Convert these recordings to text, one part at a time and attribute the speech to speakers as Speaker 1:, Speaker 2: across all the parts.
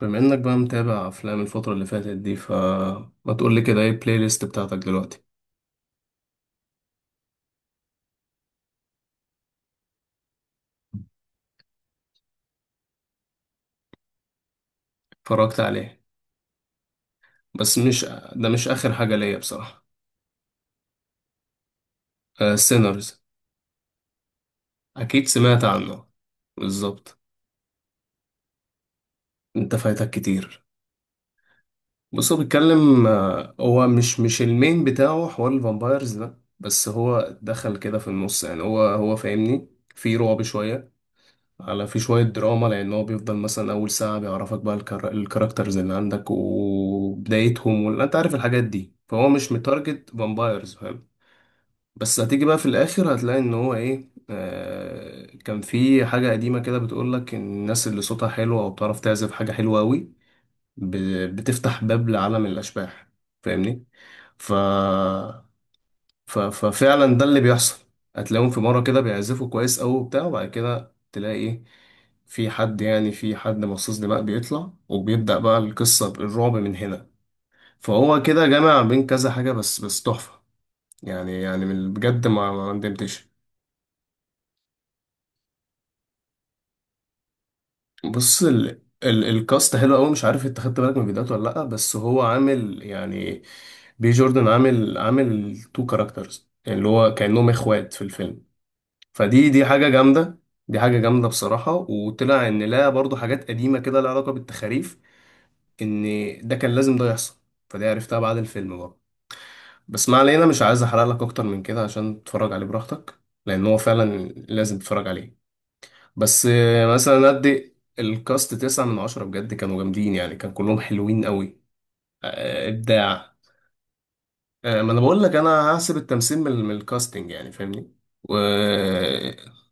Speaker 1: بما انك بقى متابع افلام الفترة اللي فاتت دي فما تقول لي كده ايه البلاي ليست بتاعتك دلوقتي؟ اتفرجت عليه. بس مش ده مش اخر حاجة ليا بصراحة. سينرز. اكيد سمعت عنه. بالظبط. انت فايتك كتير. بص هو بيتكلم، هو مش المين بتاعه حوار الفامبايرز ده، بس هو دخل كده في النص، يعني هو فاهمني. في رعب شوية، على في شوية دراما، لأن هو بيفضل مثلا أول ساعة بيعرفك بقى الكاركترز اللي عندك وبدايتهم، أنت عارف الحاجات دي، فهو مش متارجت فامبايرز، فاهم. بس هتيجي بقى في الآخر هتلاقي إن هو إيه، آه كان في حاجة قديمة كده بتقولك إن الناس اللي صوتها حلو أو بتعرف تعزف حاجة حلوة أوي بتفتح باب لعالم الأشباح. فاهمني؟ ف ففعلا ده اللي بيحصل. هتلاقيهم في مرة كده بيعزفوا كويس أوي وبتاع، وبعد كده تلاقي إيه، في حد، يعني في حد مصاص دماء بيطلع، وبيبدأ بقى القصة بالرعب من هنا. فهو كده جامع بين كذا حاجة، بس تحفة. يعني من بجد ما ندمتش. بص ال الكاست حلو قوي، مش عارف انت خدت بالك من فيديوهاته ولا لأ، بس هو عامل يعني، بي جوردن عامل تو كاركترز، يعني اللي هو كأنهم اخوات في الفيلم. فدي حاجة جامدة. دي حاجة جامدة بصراحة، وطلع إن لا برضو حاجات قديمة كده لها علاقة بالتخاريف، إن ده كان لازم ده يحصل. فدي عرفتها بعد الفيلم برضو. بس ما علينا، مش عايز أحرق لك أكتر من كده عشان تتفرج عليه براحتك، لأن هو فعلا لازم تتفرج عليه. بس مثلا أدي الكاست تسعة من عشرة، بجد كانوا جامدين، يعني كان كلهم حلوين قوي. إبداع. ما أنا بقول لك، أنا هحسب التمثيل من الكاستنج، يعني فاهمني. وتحفة.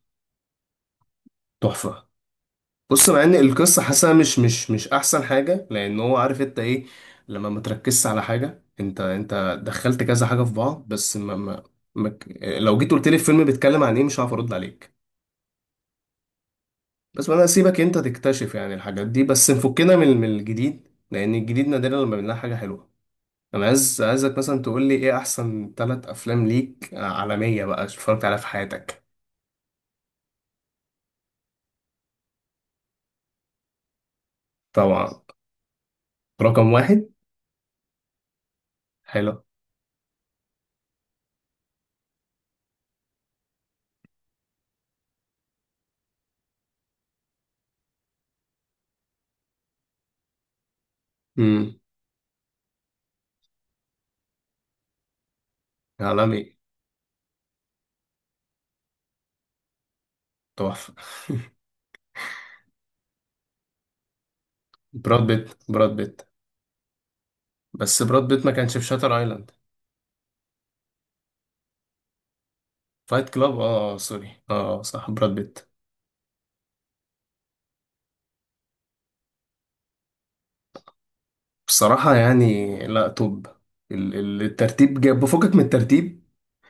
Speaker 1: بص، مع ان القصه حاسه مش احسن حاجه، لان هو عارف انت ايه، لما ما تركزش على حاجه، انت دخلت كذا حاجه في بعض، بس ما ما، لو جيت قلت لي الفيلم بيتكلم عن ايه، مش هعرف ارد عليك. بس انا اسيبك انت تكتشف يعني الحاجات دي، بس نفكنا من الجديد، لان الجديد نادرا لما بنلاقي حاجه حلوه. انا عايزك مثلا تقول لي ايه احسن ثلاث افلام ليك عالميه بقى اتفرجت عليها في حياتك. طبعا. رقم واحد. حلو. امم. عالمي. تحفه. براد بيت، براد بيت. بس براد بيت ما كانش في شاتر ايلاند. فايت كلاب، اه سوري، اه صح، براد بيت. بصراحة يعني لا توب. الترتيب جاب بفكك من الترتيب.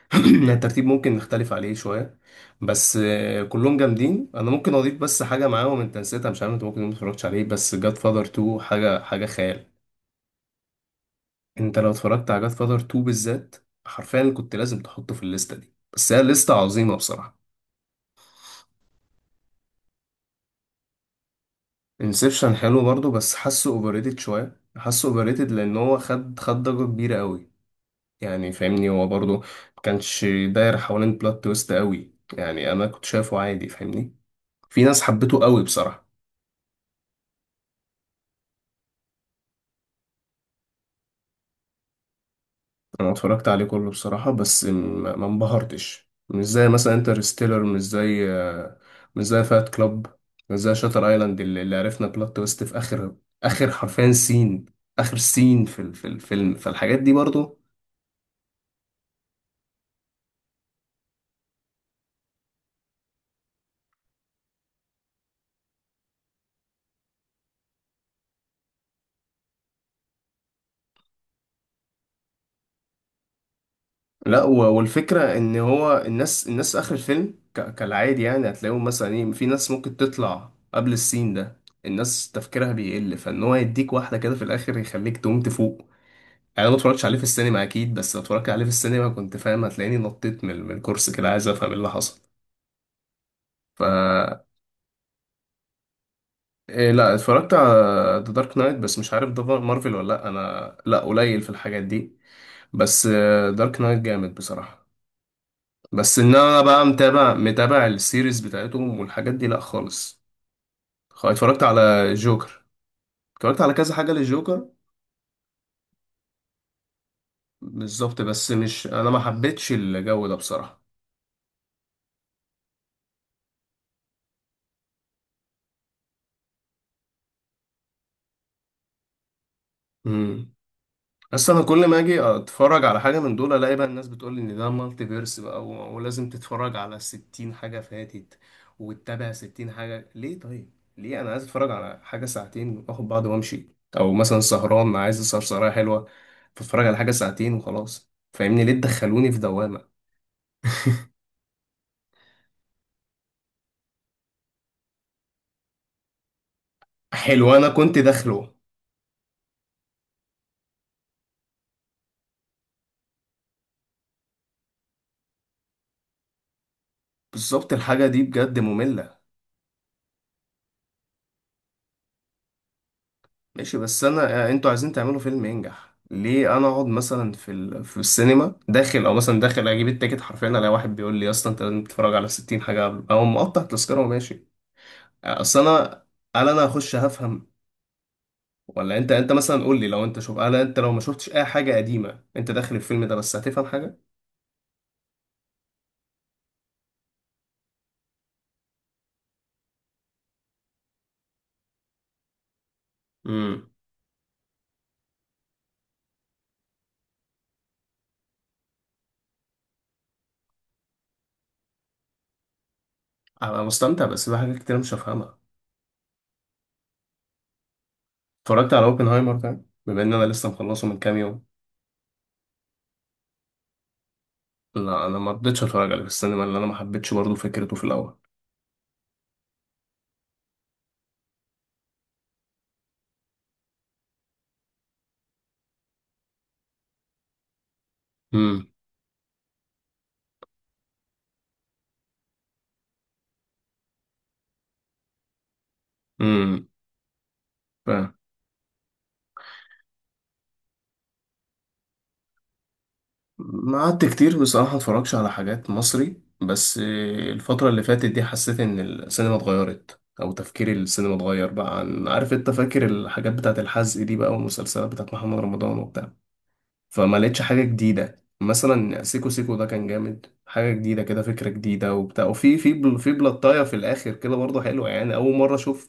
Speaker 1: يعني الترتيب ممكن نختلف عليه شوية. بس كلهم جامدين. انا ممكن اضيف بس حاجة معاهم انت نسيتها، مش عارف انت ممكن ما اتفرجتش عليه، بس جاد فاذر 2، حاجة حاجة خيال. انت لو اتفرجت على جاد فاذر 2 بالذات، حرفيا كنت لازم تحطه في الليستة دي، بس هي لستة عظيمة بصراحة. انسبشن حلو برضو، بس حاسه اوفرريتد شويه، حاسه اوفرريتد لان هو خد ضجه كبيره قوي. يعني فاهمني، هو برضو ما كانش داير حوالين بلوت تويست قوي، يعني انا كنت شايفه عادي فاهمني. في ناس حبته قوي بصراحه. انا اتفرجت عليه كله بصراحه، بس ما انبهرتش، مش زي مثلا انترستيلر، مش زي، مش زي فات كلاب، مش زي شاتر ايلاند اللي عرفنا بلوت تويست في اخر حرفيا سين، اخر سين في في الفيلم، فالحاجات دي برضو. لا، والفكرة ان هو الناس اخر الفيلم كالعادي، يعني هتلاقيهم مثلا ايه، في ناس ممكن تطلع قبل السين ده، الناس تفكيرها بيقل، فان هو يديك واحدة كده في الاخر يخليك تقوم تفوق. يعني انا ما اتفرجتش عليه في السينما اكيد، بس لو اتفرجت عليه في السينما كنت فاهم، هتلاقيني نطيت من الكرسي كده عايز افهم ايه اللي حصل. ف إيه، لا اتفرجت على ذا دارك نايت، بس مش عارف ده مارفل ولا لا، انا لا قليل في الحاجات دي. بس دارك نايت جامد بصراحة. بس ان انا بقى متابع السيريز بتاعتهم والحاجات دي، لا خالص. اتفرجت على جوكر. اتفرجت على كذا حاجة للجوكر. بالظبط، بس مش، انا ما حبيتش الجو ده بصراحة. امم. بس انا كل ما اجي اتفرج على حاجه من دول، الاقي بقى الناس بتقول لي ان ده مالتي فيرس بقى، ولازم تتفرج على 60 حاجه فاتت، وتتابع 60 حاجه، ليه طيب؟ ليه؟ انا عايز اتفرج على حاجه ساعتين واخد بعض وامشي، او مثلا سهران عايز اسهر سهريه حلوه، فاتفرج على حاجه ساعتين وخلاص، فاهمني؟ ليه تدخلوني في دوامه؟ حلو، انا كنت داخله. بالظبط، الحاجه دي بجد ممله. ماشي، بس انا انتوا عايزين تعملوا فيلم ينجح، ليه انا اقعد مثلا في في السينما داخل، او مثلا داخل اجيب التيكت، حرفيا الاقي واحد بيقول لي يا اسطى انت لازم تتفرج على 60 حاجه قبل، او مقطع تذكره وماشي. اصل انا، هل انا هخش هفهم؟ ولا انت مثلا قول لي، لو انت شوف انا، انت لو ما شفتش اي حاجه قديمه انت داخل الفيلم ده، بس هتفهم حاجه؟ امم. انا مستمتع، بس في حاجات كتير مش هفهمها. اتفرجت على اوبنهايمر ده، بما ان انا لسه مخلصه من كام يوم. لا، انا ما رضيتش اتفرج عليه في السينما، لان انا ما حبيتش برضه فكرته في الاول. امم. فاهم. ما قعدت كتير بصراحة اتفرجش على حاجات مصري، بس الفترة اللي فاتت دي حسيت ان السينما اتغيرت، او تفكير السينما اتغير بقى، عن عارف انت فاكر الحاجات بتاعت الحزق دي بقى، والمسلسلات بتاعت محمد رمضان وبتاع. فما لقيتش حاجة جديدة، مثلا سيكو سيكو ده كان جامد، حاجة جديدة كده، فكرة جديدة وبتاع، وفي في بلطاية في الآخر كده برضه حلوة، يعني أول مرة أشوف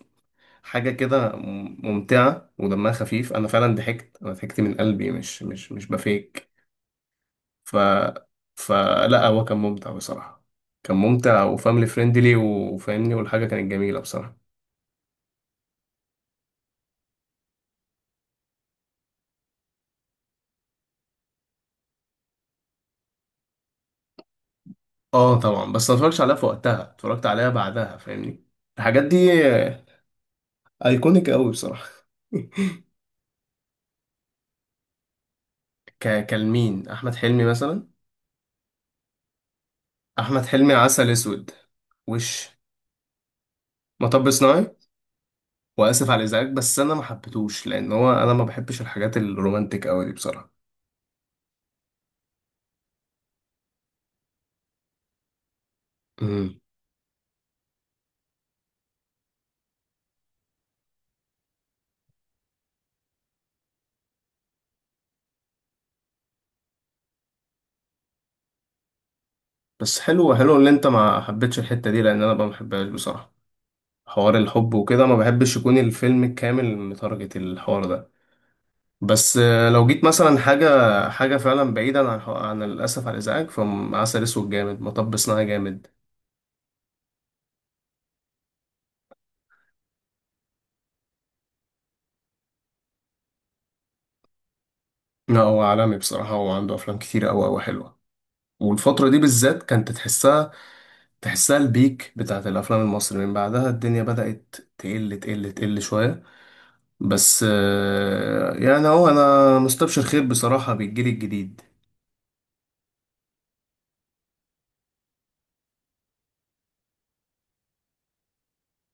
Speaker 1: حاجة كده ممتعة ودمها خفيف. أنا فعلا ضحكت، أنا ضحكت من قلبي، مش بفيك. ف فلا هو كان ممتع بصراحة. كان ممتع، وفاملي فريندلي، وفاهمني، والحاجة كانت جميلة بصراحة. اه طبعا، بس ما اتفرجتش عليها في وقتها، اتفرجت عليها بعدها فاهمني. الحاجات دي ايكونيك قوي بصراحة. كالمين احمد حلمي مثلا. احمد حلمي، عسل اسود، وش، مطب صناعي، واسف على الازعاج. بس انا ما حبيتهوش، لان انا ما بحبش الحاجات الرومانتك قوي دي بصراحة. امم. بس حلو حلو ان انت ما حبيتش الحتة دي، لان انا ما بحبهاش بصراحة. حوار الحب وكده، ما بحبش يكون الفيلم الكامل متارجت الحوار ده. بس لو جيت مثلا، حاجة فعلا بعيدا عن الأسف على الإزعاج، فعسل أسود جامد، مطب صناعي جامد. لا هو عالمي بصراحة، هو عنده أفلام كتير أوي أوي حلوة. والفترة دي بالذات كانت تحسها البيك بتاعت الأفلام المصري. من بعدها الدنيا بدأت تقل تقل تقل شوية. بس يعني هو، أنا مستبشر خير بصراحة بالجيل الجديد.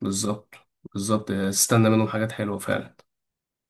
Speaker 1: بالظبط، بالظبط، استنى منهم حاجات حلوة فعلا.